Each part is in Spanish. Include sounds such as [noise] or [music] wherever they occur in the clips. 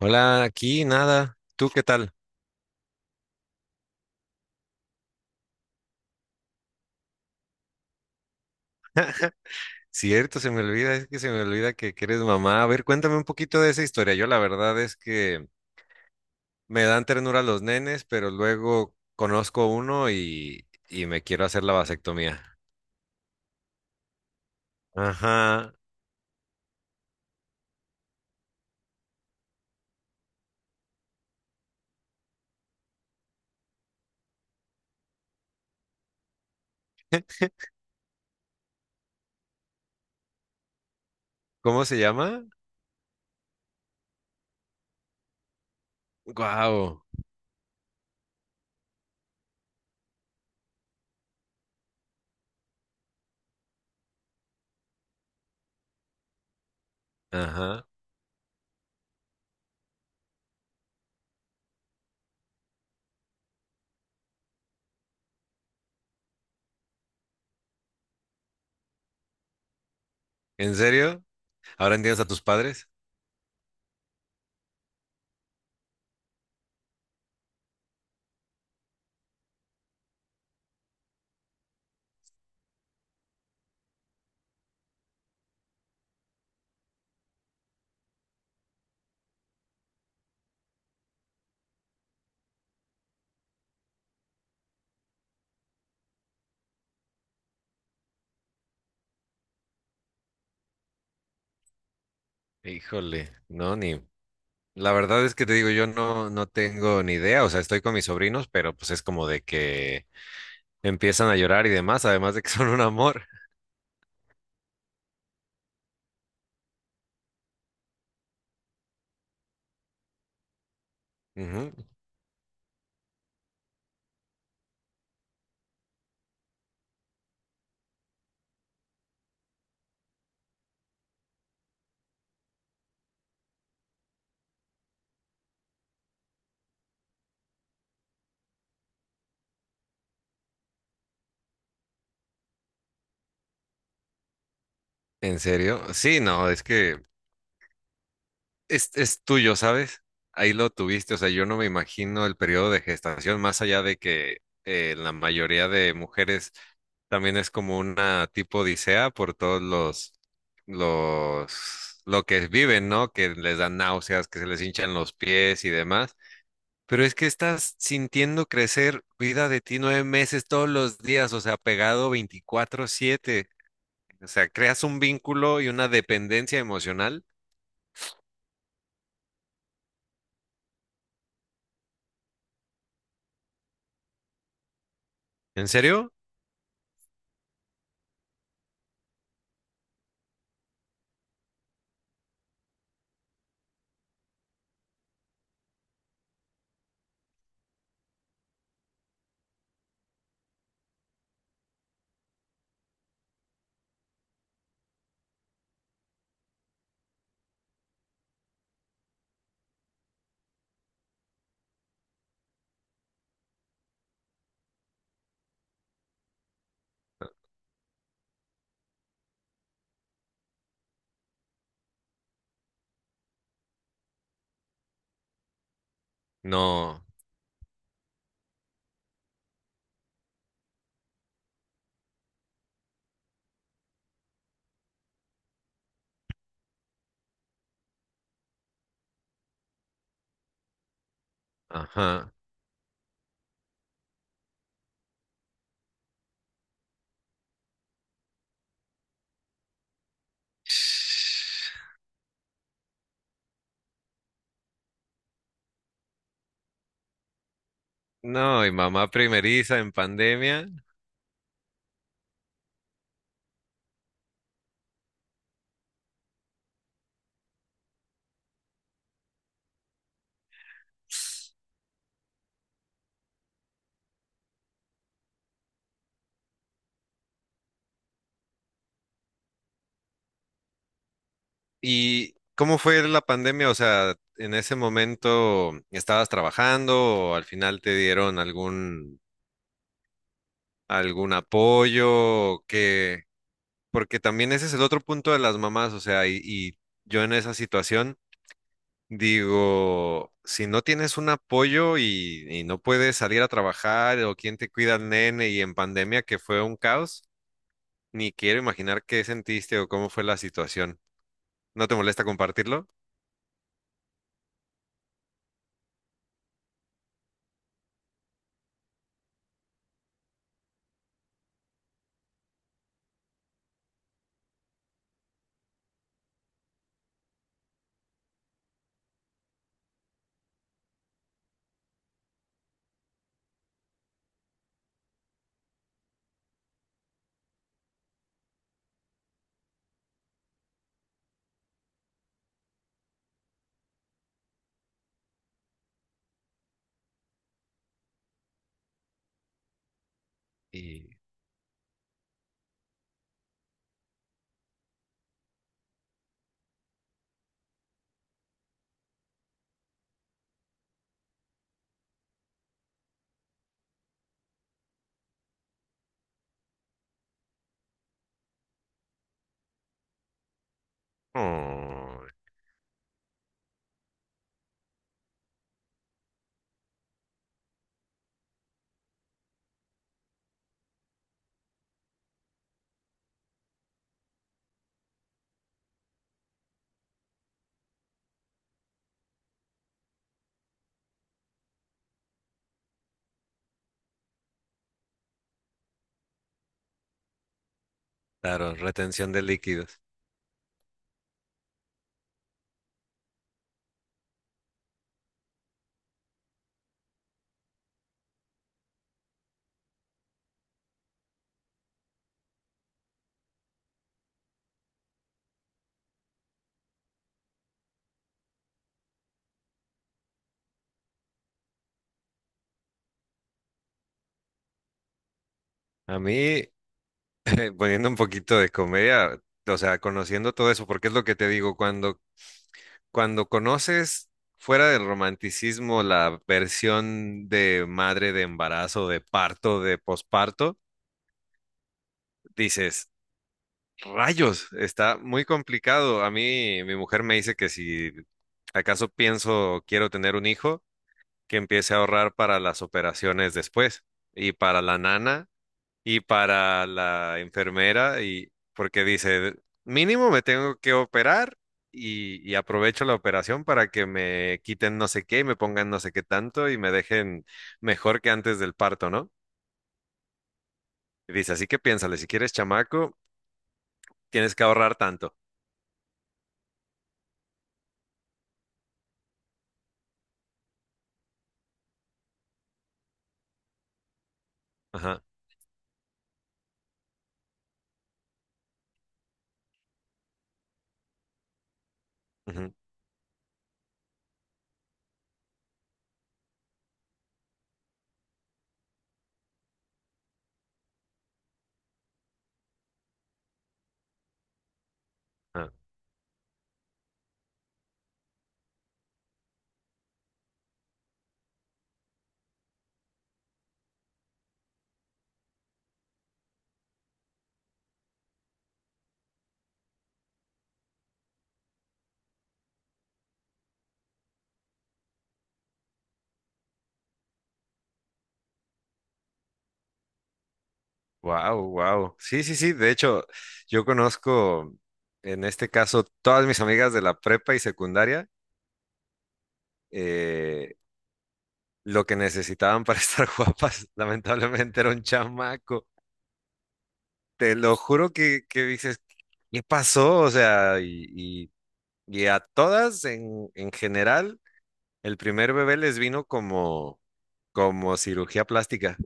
Hola, aquí nada. ¿Tú qué tal? Cierto, se me olvida, es que se me olvida que eres mamá. A ver, cuéntame un poquito de esa historia. Yo la verdad es que me dan ternura los nenes, pero luego conozco uno y me quiero hacer la vasectomía. Ajá. ¿Cómo se llama? Guau. Ajá. ¿En serio? ¿Ahora entiendes a tus padres? Híjole, no, ni. La verdad es que te digo, yo no tengo ni idea. O sea, estoy con mis sobrinos, pero pues es como de que empiezan a llorar y demás, además de que [laughs] son un amor. Ujú. ¿En serio? Sí, no, es que es tuyo, ¿sabes? Ahí lo tuviste, o sea, yo no me imagino el periodo de gestación, más allá de que la mayoría de mujeres también es como una tipo odisea por todos lo que viven, ¿no? Que les dan náuseas, que se les hinchan los pies y demás. Pero es que estás sintiendo crecer vida de ti 9 meses todos los días, o sea, pegado 24/7. O sea, creas un vínculo y una dependencia emocional. ¿En serio? No. Ajá. No, y mamá primeriza en pandemia. ¿Y cómo fue la pandemia? O sea, en ese momento estabas trabajando o al final te dieron algún apoyo que porque también ese es el otro punto de las mamás, o sea, y yo en esa situación. Digo, si no tienes un apoyo y no puedes salir a trabajar o quién te cuida al nene y en pandemia que fue un caos, ni quiero imaginar qué sentiste o cómo fue la situación. ¿No te molesta compartirlo? Y... Oh, claro, retención de líquidos. A mí, [laughs] poniendo un poquito de comedia, o sea, conociendo todo eso, porque es lo que te digo, cuando conoces fuera del romanticismo la versión de madre de embarazo, de parto, de posparto, dices, rayos, está muy complicado. A mí, mi mujer me dice que si acaso pienso quiero tener un hijo, que empiece a ahorrar para las operaciones después y para la nana y para la enfermera y porque dice, mínimo me tengo que operar y aprovecho la operación para que me quiten no sé qué y me pongan no sé qué tanto y me dejen mejor que antes del parto, ¿no? Y dice, así que piénsale, si quieres chamaco, tienes que ahorrar tanto. Ajá. Ujú, ajá. Wow, wow. Sí, sí, sí. De hecho, yo conozco en este caso todas mis amigas de la prepa y secundaria. eh, lo que necesitaban para [laughs] estar guapas, lamentablemente era un chamaco. Te lo juro que dices, ¿qué pasó? O sea, y a todas en general, el primer bebé les vino como, como cirugía plástica.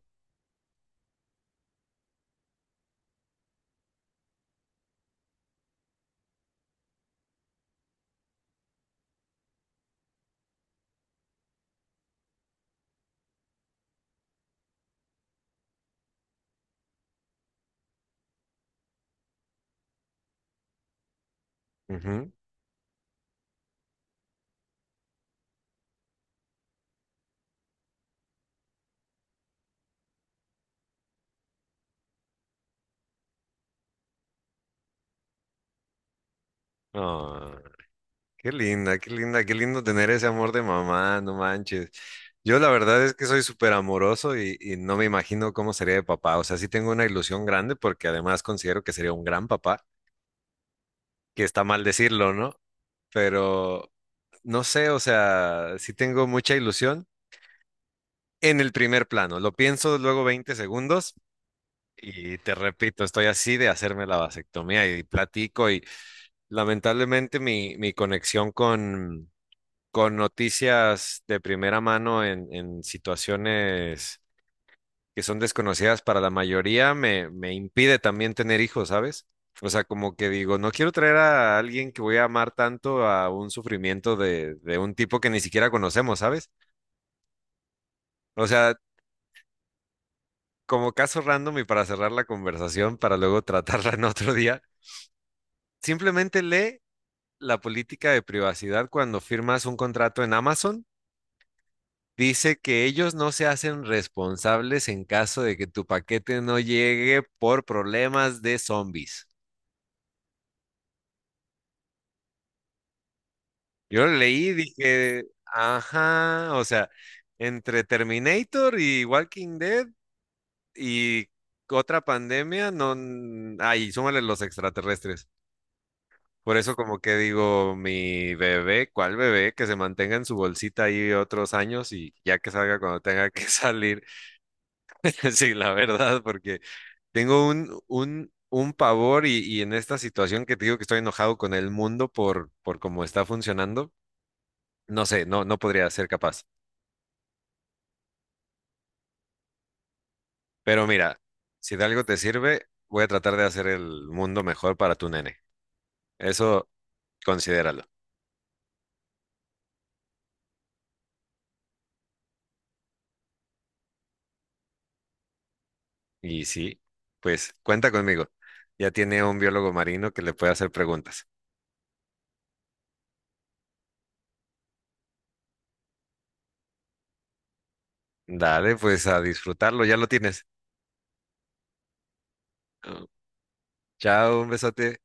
Ujú. Ah, qué linda, qué linda, qué lindo tener ese amor de mamá, no manches. Yo la verdad es que soy súper amoroso y no me imagino cómo sería de papá. O sea, sí tengo una ilusión grande porque además considero que sería un gran papá, que está mal decirlo, ¿no? Pero no sé, o sea, sí tengo mucha ilusión en el primer plano. Lo pienso luego 20 segundos y te repito, estoy así de hacerme la vasectomía y platico y lamentablemente mi conexión con noticias de primera mano en situaciones que son desconocidas para la mayoría, me impide también tener hijos, ¿sabes? O sea, como que digo, no quiero traer a alguien que voy a amar tanto a un sufrimiento de un tipo que ni siquiera conocemos, ¿sabes? O sea, como caso random y para cerrar la conversación, para luego [laughs] tratarla en otro día, simplemente lee la política de privacidad cuando firmas un contrato en Amazon. Dice que ellos no se hacen responsables en caso de que tu paquete no llegue por problemas de zombies. Yo lo leí y dije, ajá, o sea, entre Terminator y Walking Dead y otra pandemia, no, n- ay, súmale los extraterrestres. Por eso como que digo, mi bebé, ¿cuál bebé? Que se mantenga en su bolsita ahí otros años y ya que salga cuando tenga que [laughs] salir. [laughs] Sí, la verdad, porque tengo un pavor y en esta situación que te digo que estoy enojado con el mundo por cómo está funcionando, no sé, no, no podría ser capaz. Pero mira, si de algo te sirve, voy a tratar de hacer el mundo mejor para tu nene. Eso considéralo. Y sí, pues cuenta conmigo. Ya tiene un biólogo marino que le puede hacer preguntas. Dale, pues a disfrutarlo, ya lo tienes. Ah. Chao, un besote.